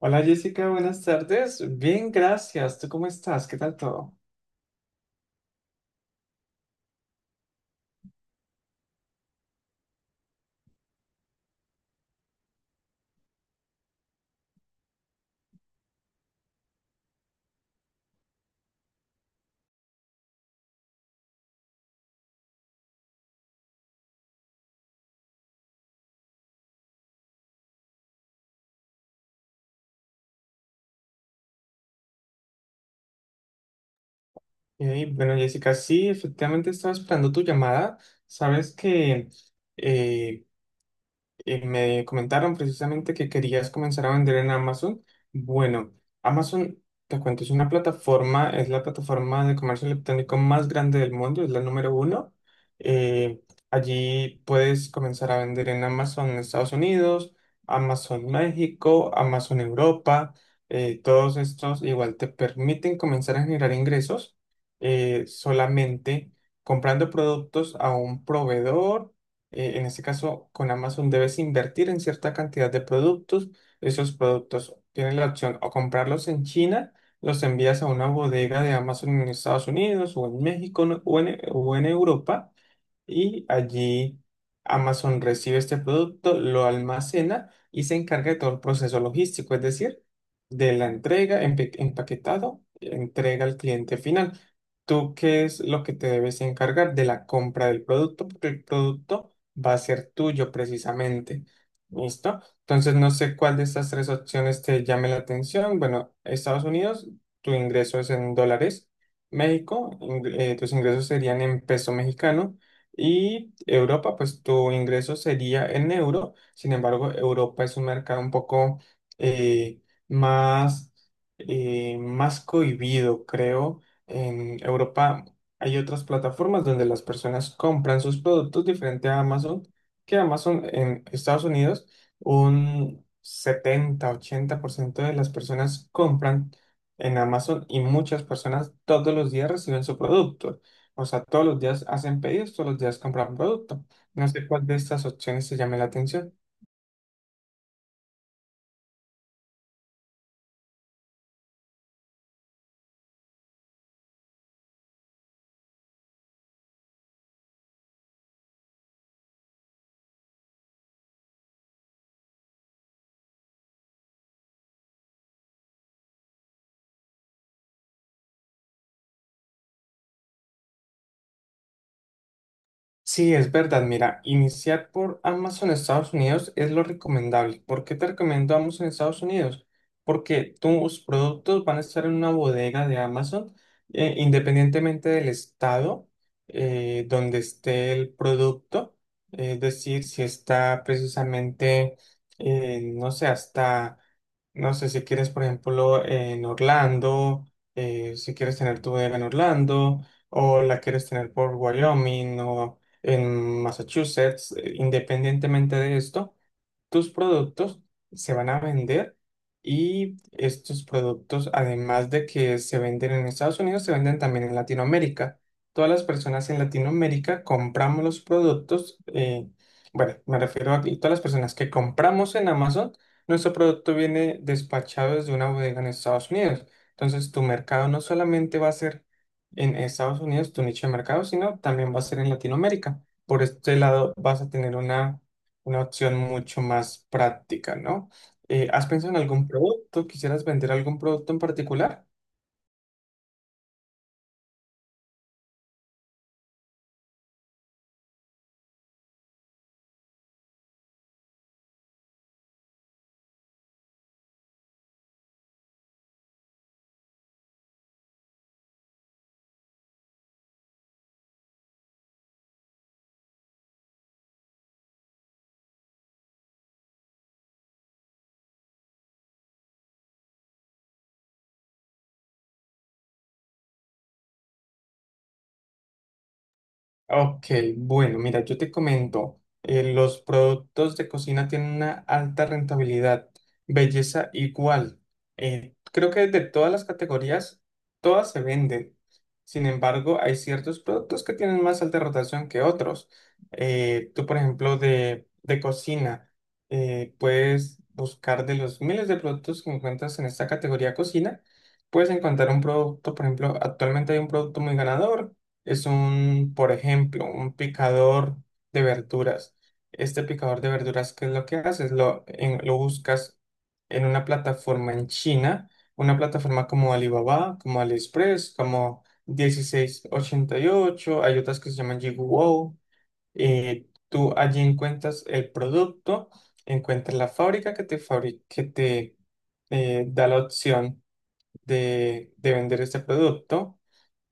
Hola Jessica, buenas tardes. Bien, gracias. ¿Tú cómo estás? ¿Qué tal todo? Bueno, Jessica, sí, efectivamente estaba esperando tu llamada. Sabes que eh, me comentaron precisamente que querías comenzar a vender en Amazon. Bueno, Amazon, te cuento, es una plataforma, es la plataforma de comercio electrónico más grande del mundo, es la número uno. Eh, Allí puedes comenzar a vender en Amazon Estados Unidos, Amazon México, Amazon Europa. Todos estos igual te permiten comenzar a generar ingresos solamente comprando productos a un proveedor en este caso, con Amazon debes invertir en cierta cantidad de productos. Esos productos tienes la opción o comprarlos en China, los envías a una bodega de Amazon en Estados Unidos o en México o en Europa. Y allí Amazon recibe este producto, lo almacena y se encarga de todo el proceso logístico, es decir, de la entrega, empaquetado, entrega al cliente final. ¿Tú qué es lo que te debes encargar de la compra del producto? Porque el producto va a ser tuyo precisamente. ¿Listo? Entonces no sé cuál de estas tres opciones te llame la atención. Bueno, Estados Unidos, tu ingreso es en dólares. México, tus ingresos serían en peso mexicano. Y Europa, pues tu ingreso sería en euro. Sin embargo, Europa es un mercado un poco eh, más, más cohibido, creo. En Europa hay otras plataformas donde las personas compran sus productos diferente a Amazon, que Amazon en Estados Unidos, un 70-80% de las personas compran en Amazon y muchas personas todos los días reciben su producto. O sea, todos los días hacen pedidos, todos los días compran producto. No sé cuál de estas opciones te llame la atención. Sí, es verdad. Mira, iniciar por Amazon Estados Unidos es lo recomendable. ¿Por qué te recomiendo Amazon Estados Unidos? Porque tus productos van a estar en una bodega de Amazon, independientemente del estado donde esté el producto. Es decir, si está precisamente, no sé, hasta, no sé, si quieres, por ejemplo, en Orlando, si quieres tener tu bodega en Orlando, o la quieres tener por Wyoming, o en Massachusetts, independientemente de esto tus productos se van a vender y estos productos, además de que se venden en Estados Unidos, se venden también en Latinoamérica. Todas las personas en Latinoamérica compramos los productos, bueno, me refiero a que todas las personas que compramos en Amazon, nuestro producto viene despachado desde una bodega en Estados Unidos. Entonces, tu mercado no solamente va a ser en Estados Unidos, tu nicho de mercado, sino también va a ser en Latinoamérica. Por este lado, vas a tener una opción mucho más práctica, ¿no? ¿Has pensado en algún producto? ¿Quisieras vender algún producto en particular? Ok, bueno, mira, yo te comento, los productos de cocina tienen una alta rentabilidad, belleza igual. Creo que de todas las categorías, todas se venden. Sin embargo, hay ciertos productos que tienen más alta rotación que otros. Tú, por ejemplo, de cocina, puedes buscar de los miles de productos que encuentras en esta categoría cocina, puedes encontrar un producto, por ejemplo, actualmente hay un producto muy ganador es un, por ejemplo, un picador de verduras. Este picador de verduras, ¿qué es lo que haces? Lo, lo buscas en una plataforma en China, una plataforma como Alibaba, como AliExpress, como 1688 hay otras que se llaman Jiguo. Tú allí encuentras el producto, encuentras la fábrica que te, que te da la opción de vender este producto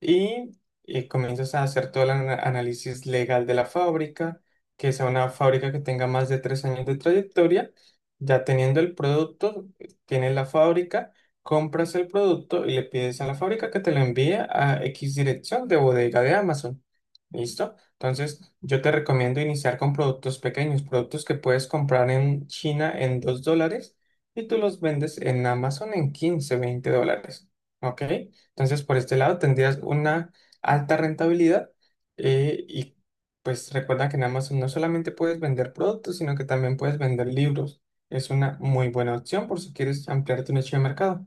y comienzas a hacer todo el análisis legal de la fábrica, que sea una fábrica que tenga más de 3 años de trayectoria. Ya teniendo el producto, tienes la fábrica, compras el producto y le pides a la fábrica que te lo envíe a X dirección de bodega de Amazon. ¿Listo? Entonces, yo te recomiendo iniciar con productos pequeños, productos que puedes comprar en China en $2 y tú los vendes en Amazon en 15-20 dólares. ¿Ok? Entonces, por este lado tendrías una alta rentabilidad y pues recuerda que en Amazon no solamente puedes vender productos, sino que también puedes vender libros. Es una muy buena opción por si quieres ampliar tu nicho de mercado.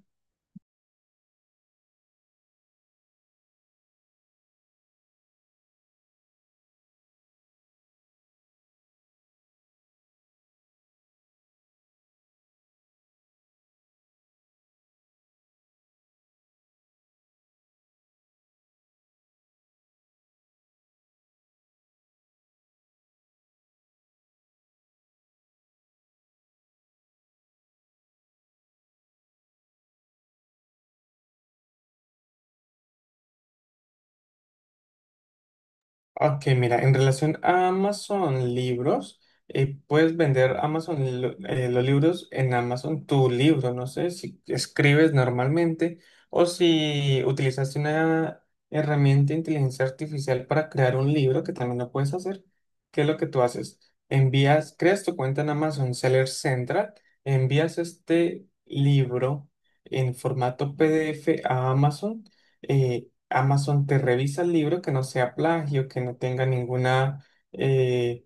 Ok, mira, en relación a Amazon Libros, puedes vender Amazon los libros en Amazon tu libro, no sé si escribes normalmente o si utilizaste una herramienta de inteligencia artificial para crear un libro, que también lo puedes hacer. ¿Qué es lo que tú haces? Envías, creas tu cuenta en Amazon Seller Central, envías este libro en formato PDF a Amazon. eh, Amazon te revisa el libro que no sea plagio, que no tenga ninguna eh,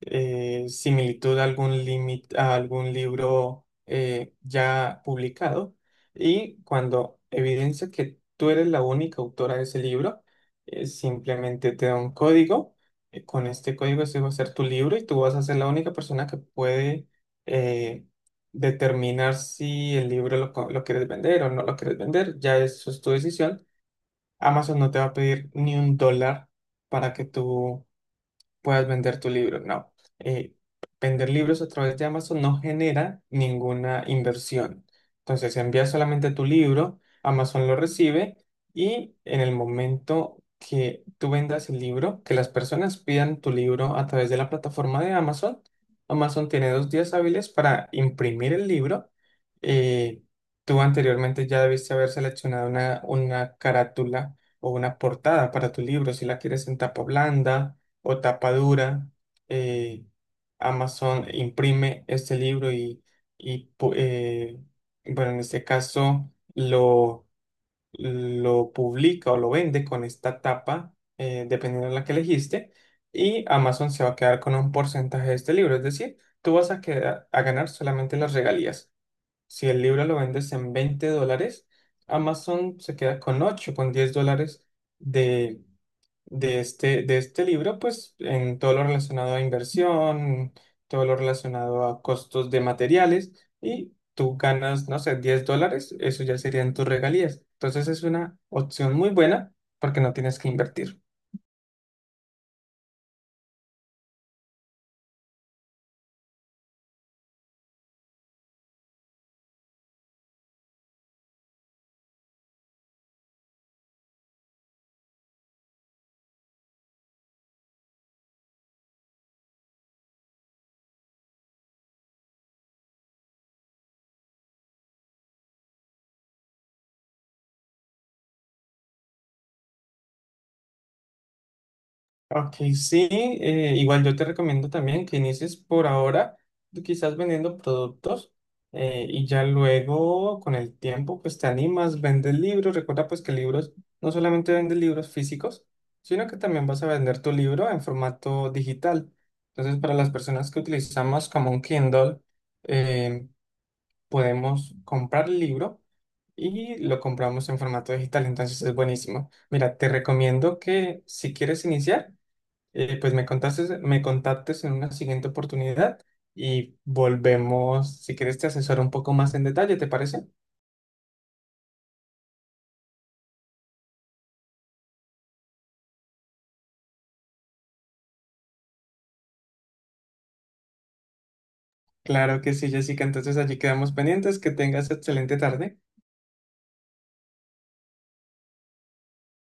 similitud a algún límite, a algún libro ya publicado. Y cuando evidencia que tú eres la única autora de ese libro, simplemente te da un código. Con este código ese va a ser tu libro y tú vas a ser la única persona que puede eh, determinar si el libro lo, lo quieres vender o no lo quieres vender. Ya eso es tu decisión. Amazon no te va a pedir ni un dólar para que tú puedas vender tu libro. No, Eh, vender libros a través de Amazon no genera ninguna inversión. Entonces envías solamente tu libro, Amazon lo recibe y en el momento que tú vendas el libro, que las personas pidan tu libro a través de la plataforma de Amazon, Amazon tiene 2 días hábiles para imprimir el libro. Eh, Tú anteriormente ya debiste haber seleccionado una carátula o una portada para tu libro, si la quieres en tapa blanda o tapadura, eh, Amazon imprime este libro y, bueno, en este caso lo publica o lo vende con esta tapa, dependiendo de la que elegiste, y Amazon se va a quedar con un porcentaje de este libro, es decir, tú vas a, quedar, a ganar solamente las regalías. Si el libro lo vendes en $20, Amazon se queda con $8,10 de este libro, pues en todo lo relacionado a inversión, todo lo relacionado a costos de materiales y tú ganas, no sé, $10, eso ya serían tus regalías. Entonces es una opción muy buena porque no tienes que invertir. Ok, sí, igual yo te recomiendo también que inicies por ahora, tú quizás vendiendo productos y ya luego con el tiempo pues te animas, vendes libros, recuerda pues que libros, no solamente vendes libros físicos, sino que también vas a vender tu libro en formato digital. Entonces para las personas que utilizamos como un Kindle, eh, podemos comprar el libro y lo compramos en formato digital, entonces es buenísimo. Mira, te recomiendo que si quieres iniciar, pues me contactes en una siguiente oportunidad y volvemos, si quieres te asesoro un poco más en detalle, ¿te parece? Claro que sí, Jessica, entonces allí quedamos pendientes, que tengas excelente tarde.